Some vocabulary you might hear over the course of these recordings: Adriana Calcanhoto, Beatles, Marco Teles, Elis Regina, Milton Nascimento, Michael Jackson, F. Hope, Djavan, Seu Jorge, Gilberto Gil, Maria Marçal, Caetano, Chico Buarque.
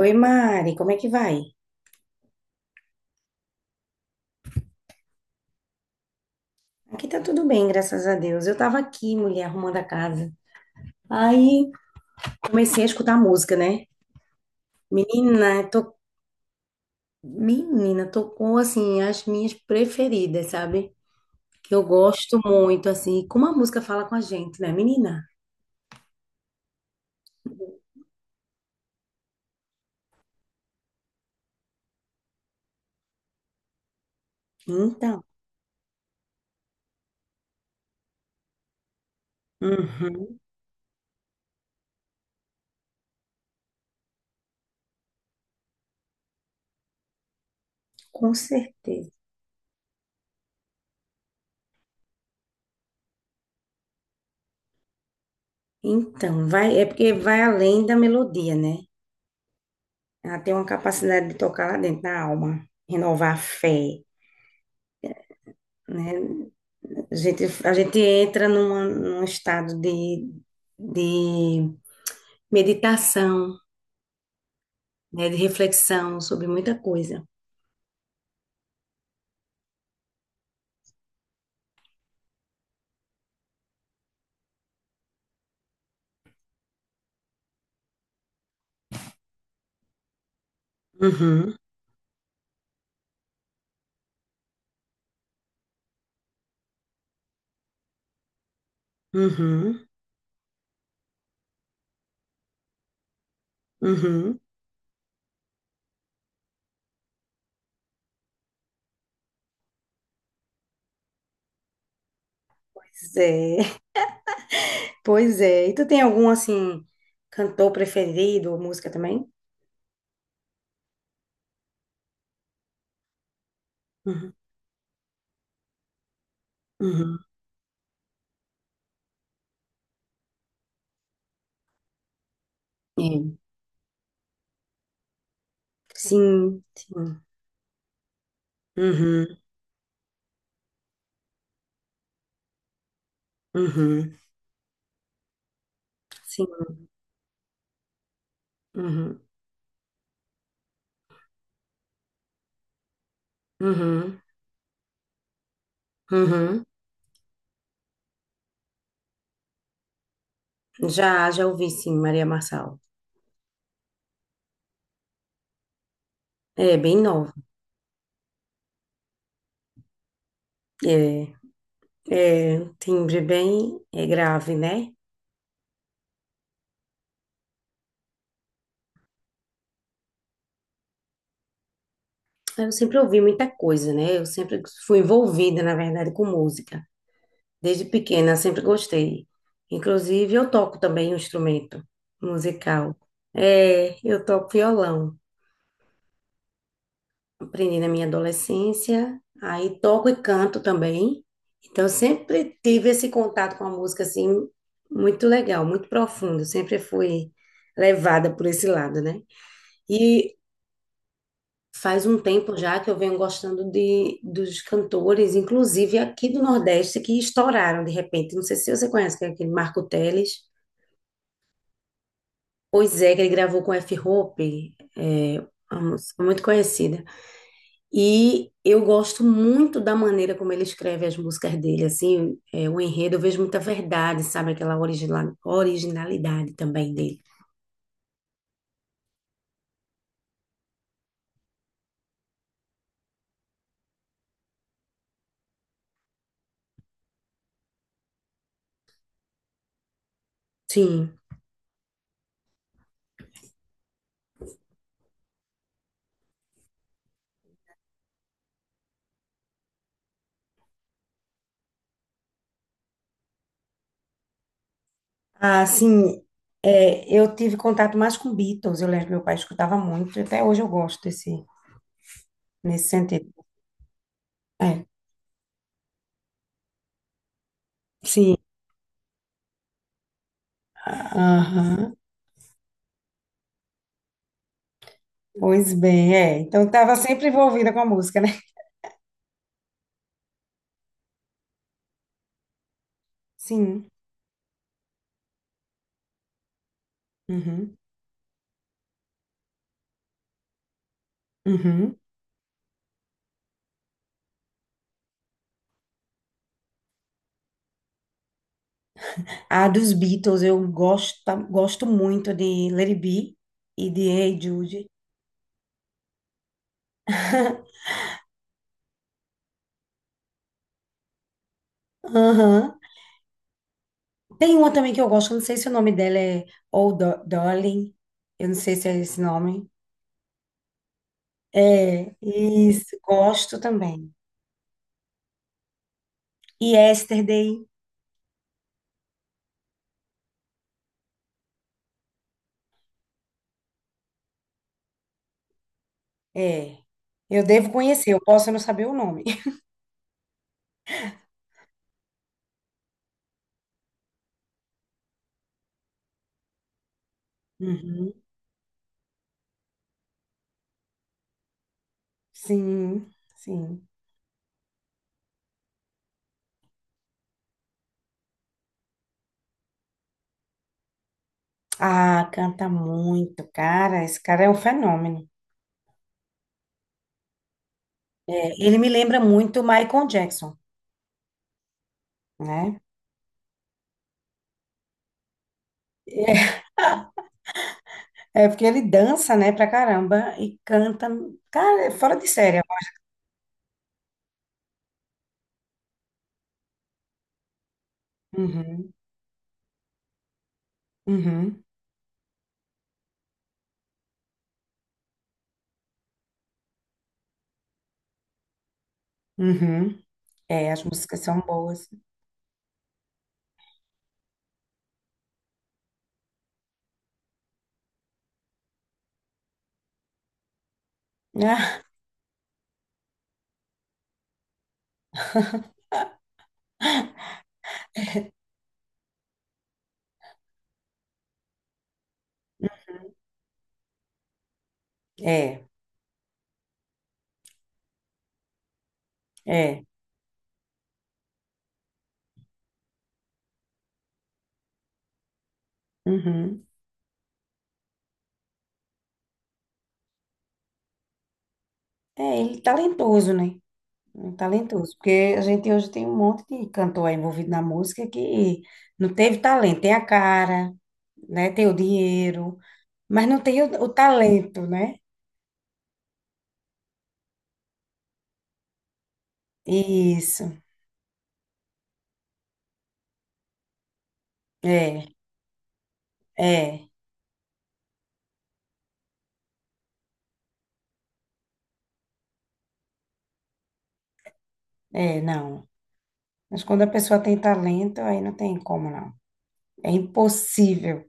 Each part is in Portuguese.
Oi, Mari, como é que vai? Aqui tá tudo bem, graças a Deus. Eu tava aqui, mulher, arrumando a casa. Aí comecei a escutar música, né? Menina, to... Menina, tocou assim as minhas preferidas, sabe? Que eu gosto muito, assim, como a música fala com a gente, né, menina? Então, uhum, com certeza. Então, vai, é porque vai além da melodia, né? Ela tem uma capacidade de tocar lá dentro da alma, renovar a fé, né? A gente entra num estado de meditação, né? De reflexão sobre muita coisa. Uhum, uhum, uhum. Pois é, pois é. E tu tem algum, assim, cantor preferido ou música também? Uhum, uhum. É. Sim, sim. Uhum, uhum. Sim, uhum, uhum, uhum. Já, já ouvi, sim, Maria Marçal. É, bem nova. É. É, timbre bem é grave, né? Eu sempre ouvi muita coisa, né? Eu sempre fui envolvida, na verdade, com música. Desde pequena, sempre gostei. Inclusive, eu toco também um instrumento musical. É, eu toco violão. Aprendi na minha adolescência, aí toco e canto também. Então, eu sempre tive esse contato com a música, assim, muito legal, muito profundo. Eu sempre fui levada por esse lado, né? E faz um tempo já que eu venho gostando dos cantores, inclusive aqui do Nordeste, que estouraram de repente. Não sei se você conhece, que é aquele Marco Teles. Pois é, que ele gravou com F. Hope, é uma música muito conhecida. E eu gosto muito da maneira como ele escreve as músicas dele, assim, é, o enredo, eu vejo muita verdade, sabe? Aquela originalidade também dele. Sim. Ah, sim, é, eu tive contato mais com Beatles, eu lembro que meu pai escutava muito, até hoje eu gosto desse, nesse sentido. É, sim, aham, pois bem, é. Então estava sempre envolvida com a música, né? Sim. Uhum. Uhum. A dos Beatles, eu gosto, gosto muito de Let It Be e de Hey Jude. Aham. Tem uma também que eu gosto, eu não sei se o nome dela é Oh Darling, eu não sei se é esse nome. É, isso, gosto também. E Yesterday, é. Eu devo conhecer, eu posso não saber o nome. Sim, sim. Ah, canta muito, cara. Esse cara é um fenômeno. É, ele me lembra muito Michael Jackson, né? É, é porque ele dança, né, pra caramba e canta, cara, é fora de série. Uhum, uhum, uhum. É, as músicas são boas. Ah, é, é. Uhum. É, ele é talentoso, né? Ele talentoso, porque a gente hoje tem um monte de cantor aí envolvido na música que não teve talento, tem a cara, né? Tem o dinheiro, mas não tem o talento, né? Isso, é, é, é, não. Mas quando a pessoa tem talento, aí não tem como, não. É impossível,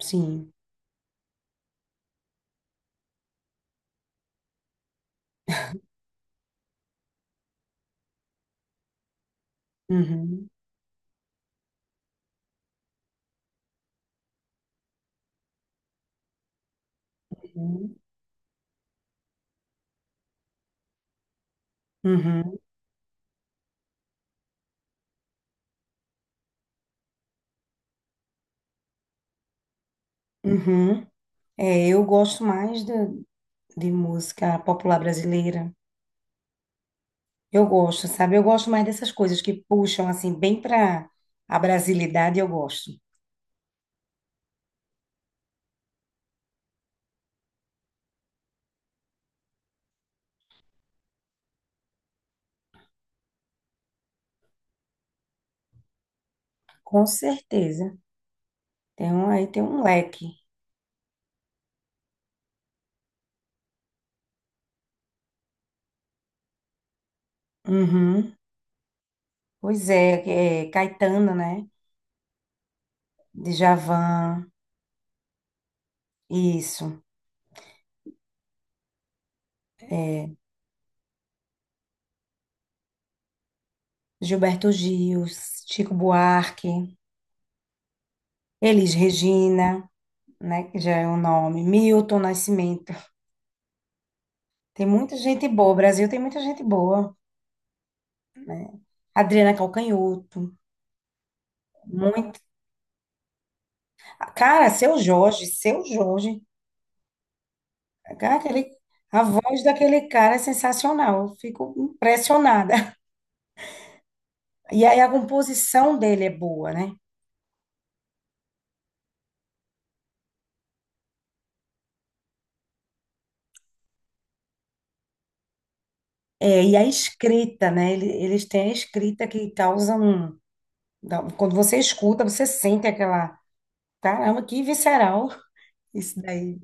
sim. Uhum, uhum, uhum, uhum. É, eu gosto mais de música popular brasileira. Eu gosto, sabe? Eu gosto mais dessas coisas que puxam, assim, bem para a brasilidade, eu gosto. Com certeza. Tem um, aí tem um leque. Uhum. Pois é, é Caetano, né? Djavan, isso. É, Gilberto Gil, Chico Buarque, Elis Regina, né? Que já é o nome. Milton Nascimento. Tem muita gente boa. O Brasil tem muita gente boa. Adriana Calcanhoto. Muito. Cara, Seu Jorge, Seu Jorge. Cara, aquele, a voz daquele cara é sensacional. Eu fico impressionada. E aí a composição dele é boa, né? É, e a escrita, né? Eles têm a escrita que causa um. Quando você escuta, você sente aquela. Caramba, que visceral isso daí.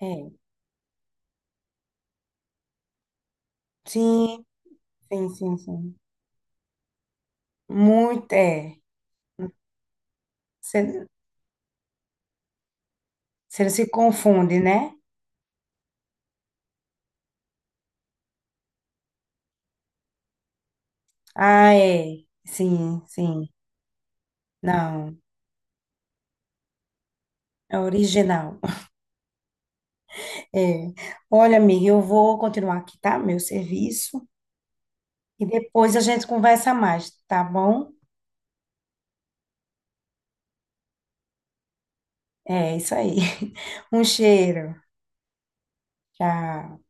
É. Sim, sim, sim, sim. Muito, é. Você você se confunde, né? Ah, é. Sim, sim. Não, é original. É. Olha, amiga, eu vou continuar aqui, tá? Meu serviço. E depois a gente conversa mais, tá bom? É isso aí. Um cheiro. Tchau.